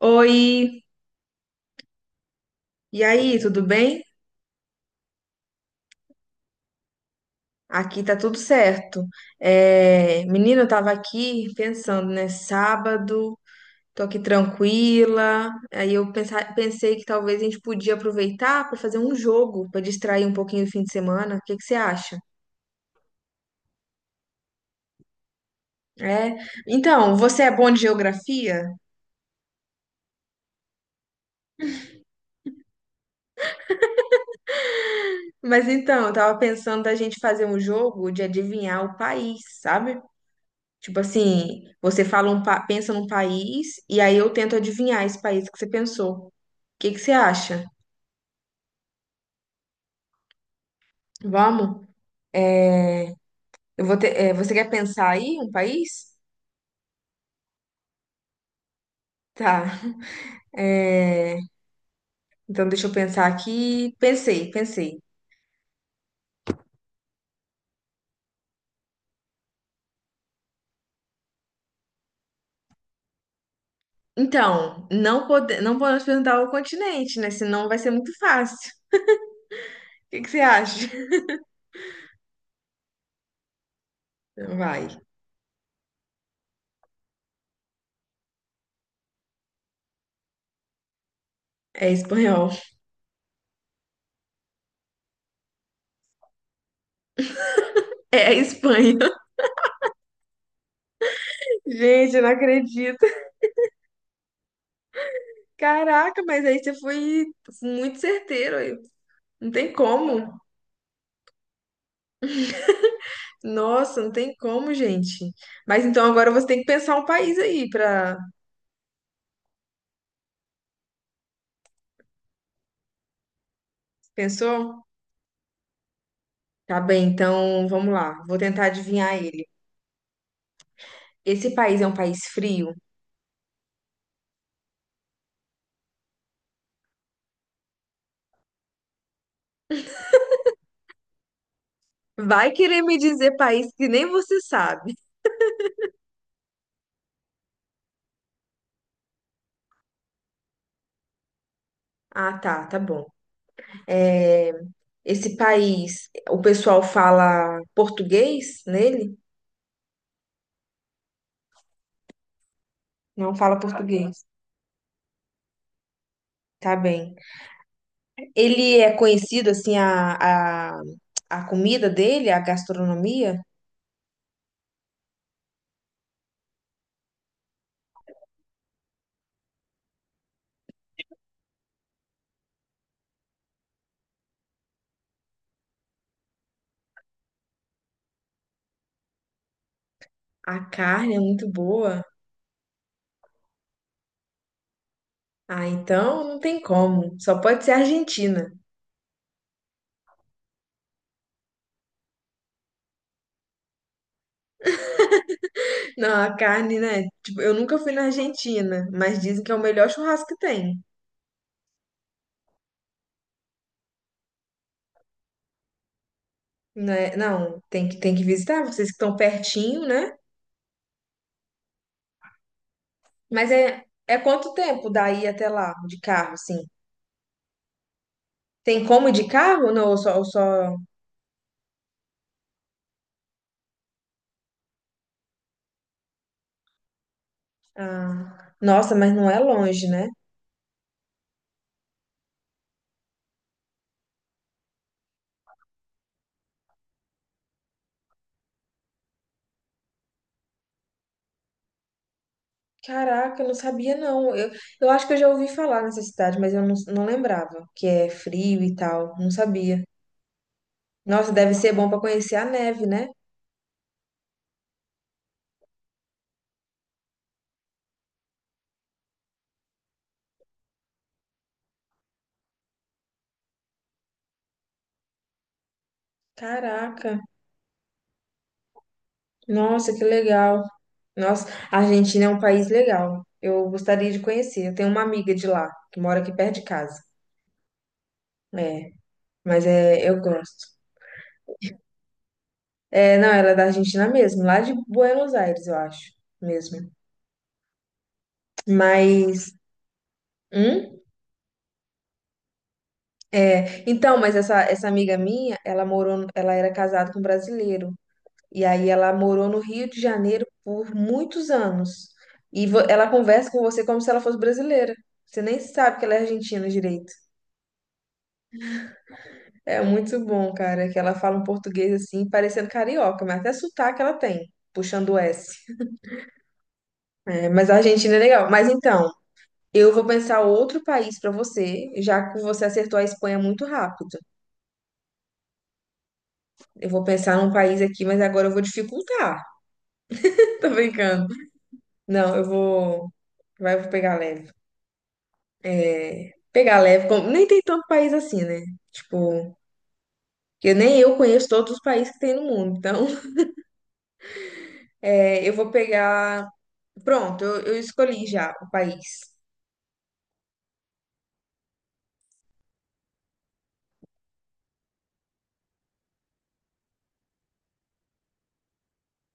Oi, e aí, tudo bem? Aqui tá tudo certo. É, menina, eu tava aqui pensando, né? Sábado, tô aqui tranquila. Aí eu pensei que talvez a gente podia aproveitar pra fazer um jogo, pra distrair um pouquinho o fim de semana. O que que você acha? É, então, você é bom de geografia? Mas então, eu tava pensando da gente fazer um jogo de adivinhar o país, sabe? Tipo assim, você fala pensa num país e aí eu tento adivinhar esse país que você pensou. O que que você acha? Vamos? Eu vou ter, é, você quer pensar aí um país? Tá. É, então deixa eu pensar aqui. Pensei, pensei. Então, não pode, não podemos perguntar o continente, né? Senão vai ser muito fácil. O que que você acha? Então vai. É espanhol. É a Espanha. Gente, eu não acredito. Caraca, mas aí você foi muito certeiro aí. Não tem como. Nossa, não tem como, gente. Mas então agora você tem que pensar um país aí para. Pensou? Tá bem, então vamos lá. Vou tentar adivinhar ele. Esse país é um país frio? Vai querer me dizer país que nem você sabe. Ah, tá, tá bom. É, esse país, o pessoal fala português nele? Não fala português. Tá bem. Ele é conhecido assim a comida dele, a gastronomia? A carne é muito boa. Ah, então não tem como. Só pode ser Argentina. Não, a carne, né? Tipo, eu nunca fui na Argentina, mas dizem que é o melhor churrasco que tem. Né? Não, tem que visitar vocês que estão pertinho, né? Mas é, é quanto tempo daí até lá, de carro, assim? Tem como ir de carro? Não, ou só... Ah, nossa, mas não é longe, né? Caraca, eu não sabia, não. Eu acho que eu já ouvi falar nessa cidade, mas eu não, não lembrava que é frio e tal. Não sabia. Nossa, deve ser bom pra conhecer a neve, né? Caraca, nossa, que legal. Nossa, a Argentina é um país legal. Eu gostaria de conhecer. Eu tenho uma amiga de lá, que mora aqui perto de casa. É, mas é, eu gosto. É, não, ela é da Argentina mesmo, lá de Buenos Aires, eu acho, mesmo. Mas, hum? É, então, mas essa amiga minha, ela morou, ela era casada com um brasileiro. E aí ela morou no Rio de Janeiro por muitos anos. Ela conversa com você como se ela fosse brasileira. Você nem sabe que ela é argentina direito. É muito bom, cara, que ela fala um português assim, parecendo carioca, mas até sotaque ela tem, puxando o S. É, mas a Argentina é legal. Mas então, eu vou pensar outro país pra você, já que você acertou a Espanha muito rápido. Eu vou pensar num país aqui, mas agora eu vou dificultar. Tô brincando. Não, eu vou. Vai, eu vou pegar leve. É, pegar leve. Nem tem tanto país assim, né? Tipo, que nem eu conheço todos os países que tem no mundo. Então, é, eu vou pegar. Pronto, eu escolhi já o país.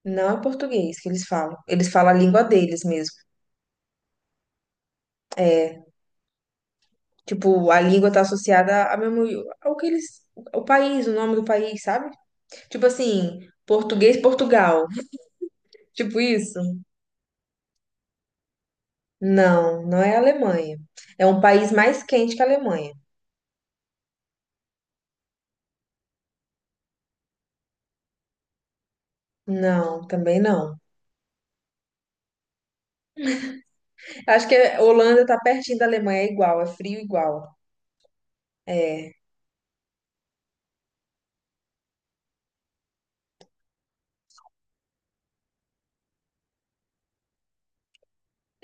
Não é português que eles falam. Eles falam a língua deles mesmo. É, tipo, a língua tá associada a mesmo ao que eles. O país, o nome do país, sabe? Tipo assim, português, Portugal. Tipo isso. Não, não é a Alemanha. É um país mais quente que a Alemanha. Não, também não. Acho que a Holanda tá pertinho da Alemanha, é igual, é frio igual. É.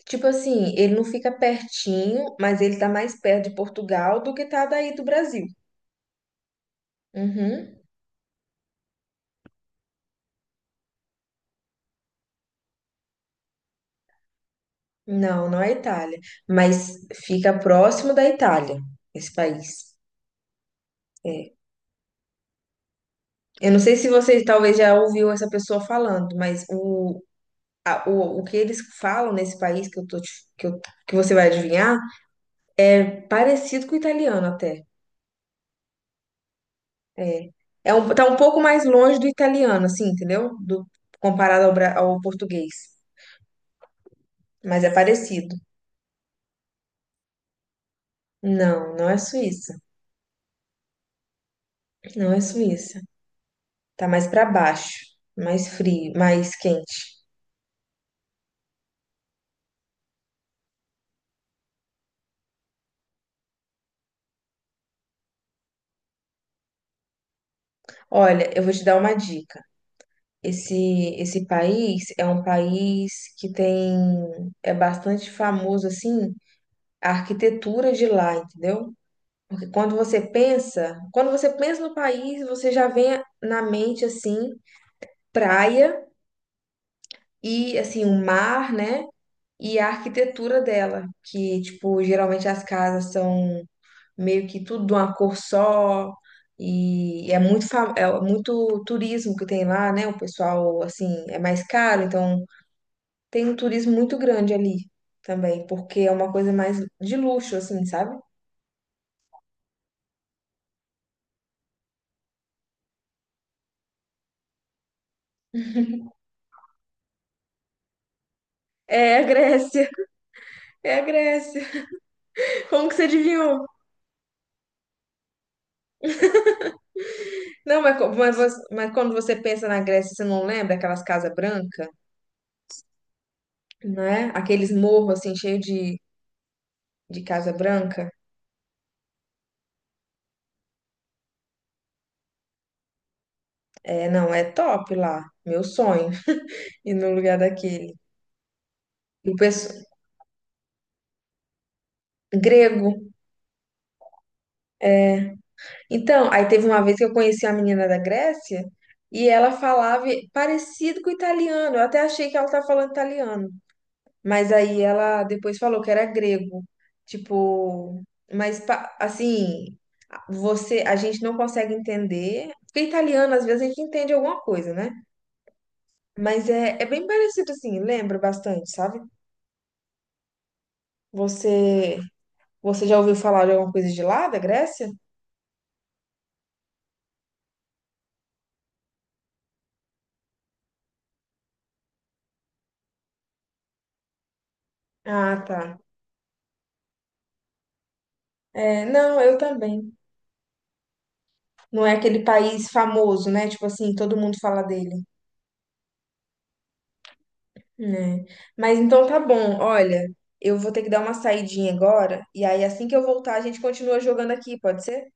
Tipo assim, ele não fica pertinho, mas ele tá mais perto de Portugal do que tá daí do Brasil. Uhum. Não, não é Itália, mas fica próximo da Itália, esse país. É. Eu não sei se você talvez já ouviu essa pessoa falando, mas o que eles falam nesse país que eu tô, te- que eu- que você vai adivinhar, é parecido com o italiano até. É, é um, tá um pouco mais longe do italiano, assim, entendeu? Do, comparado ao, ao português. Mas é parecido. Não, não é Suíça. Não é Suíça. Tá mais pra baixo, mais frio, mais quente. Olha, eu vou te dar uma dica. Esse, esse país é um país que tem, é bastante famoso, assim, a arquitetura de lá, entendeu? Porque quando você pensa no país, você já vem na mente, assim, praia e assim o mar, né? E a arquitetura dela, que tipo geralmente as casas são meio que tudo de uma cor só e é é muito turismo que tem lá, né? O pessoal assim é mais caro, então tem um turismo muito grande ali também, porque é uma coisa mais de luxo assim, sabe? É a Grécia, é a Grécia. Como que você adivinhou? Não, mas, você- mas quando você pensa na Grécia, você não lembra aquelas casas brancas? Né? Aqueles morros assim cheios de Casa Branca, é, não, é top lá, meu sonho, ir no lugar daquele. E o pessoal, grego, é. Então, aí teve uma vez que eu conheci a menina da Grécia e ela falava parecido com italiano, eu até achei que ela estava falando italiano, mas aí ela depois falou que era grego, tipo, mas assim, você, a gente não consegue entender, porque italiano às vezes a gente entende alguma coisa, né? Mas é, é bem parecido assim, lembra bastante, sabe? Você, você já ouviu falar de alguma coisa de lá, da Grécia? Ah, tá. É, não, eu também. Não é aquele país famoso, né? Tipo assim, todo mundo fala dele, né? Mas então tá bom. Olha, eu vou ter que dar uma saidinha agora e aí assim que eu voltar a gente continua jogando aqui, pode ser?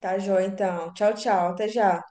Tá, joia, então. Tchau, tchau. Até já.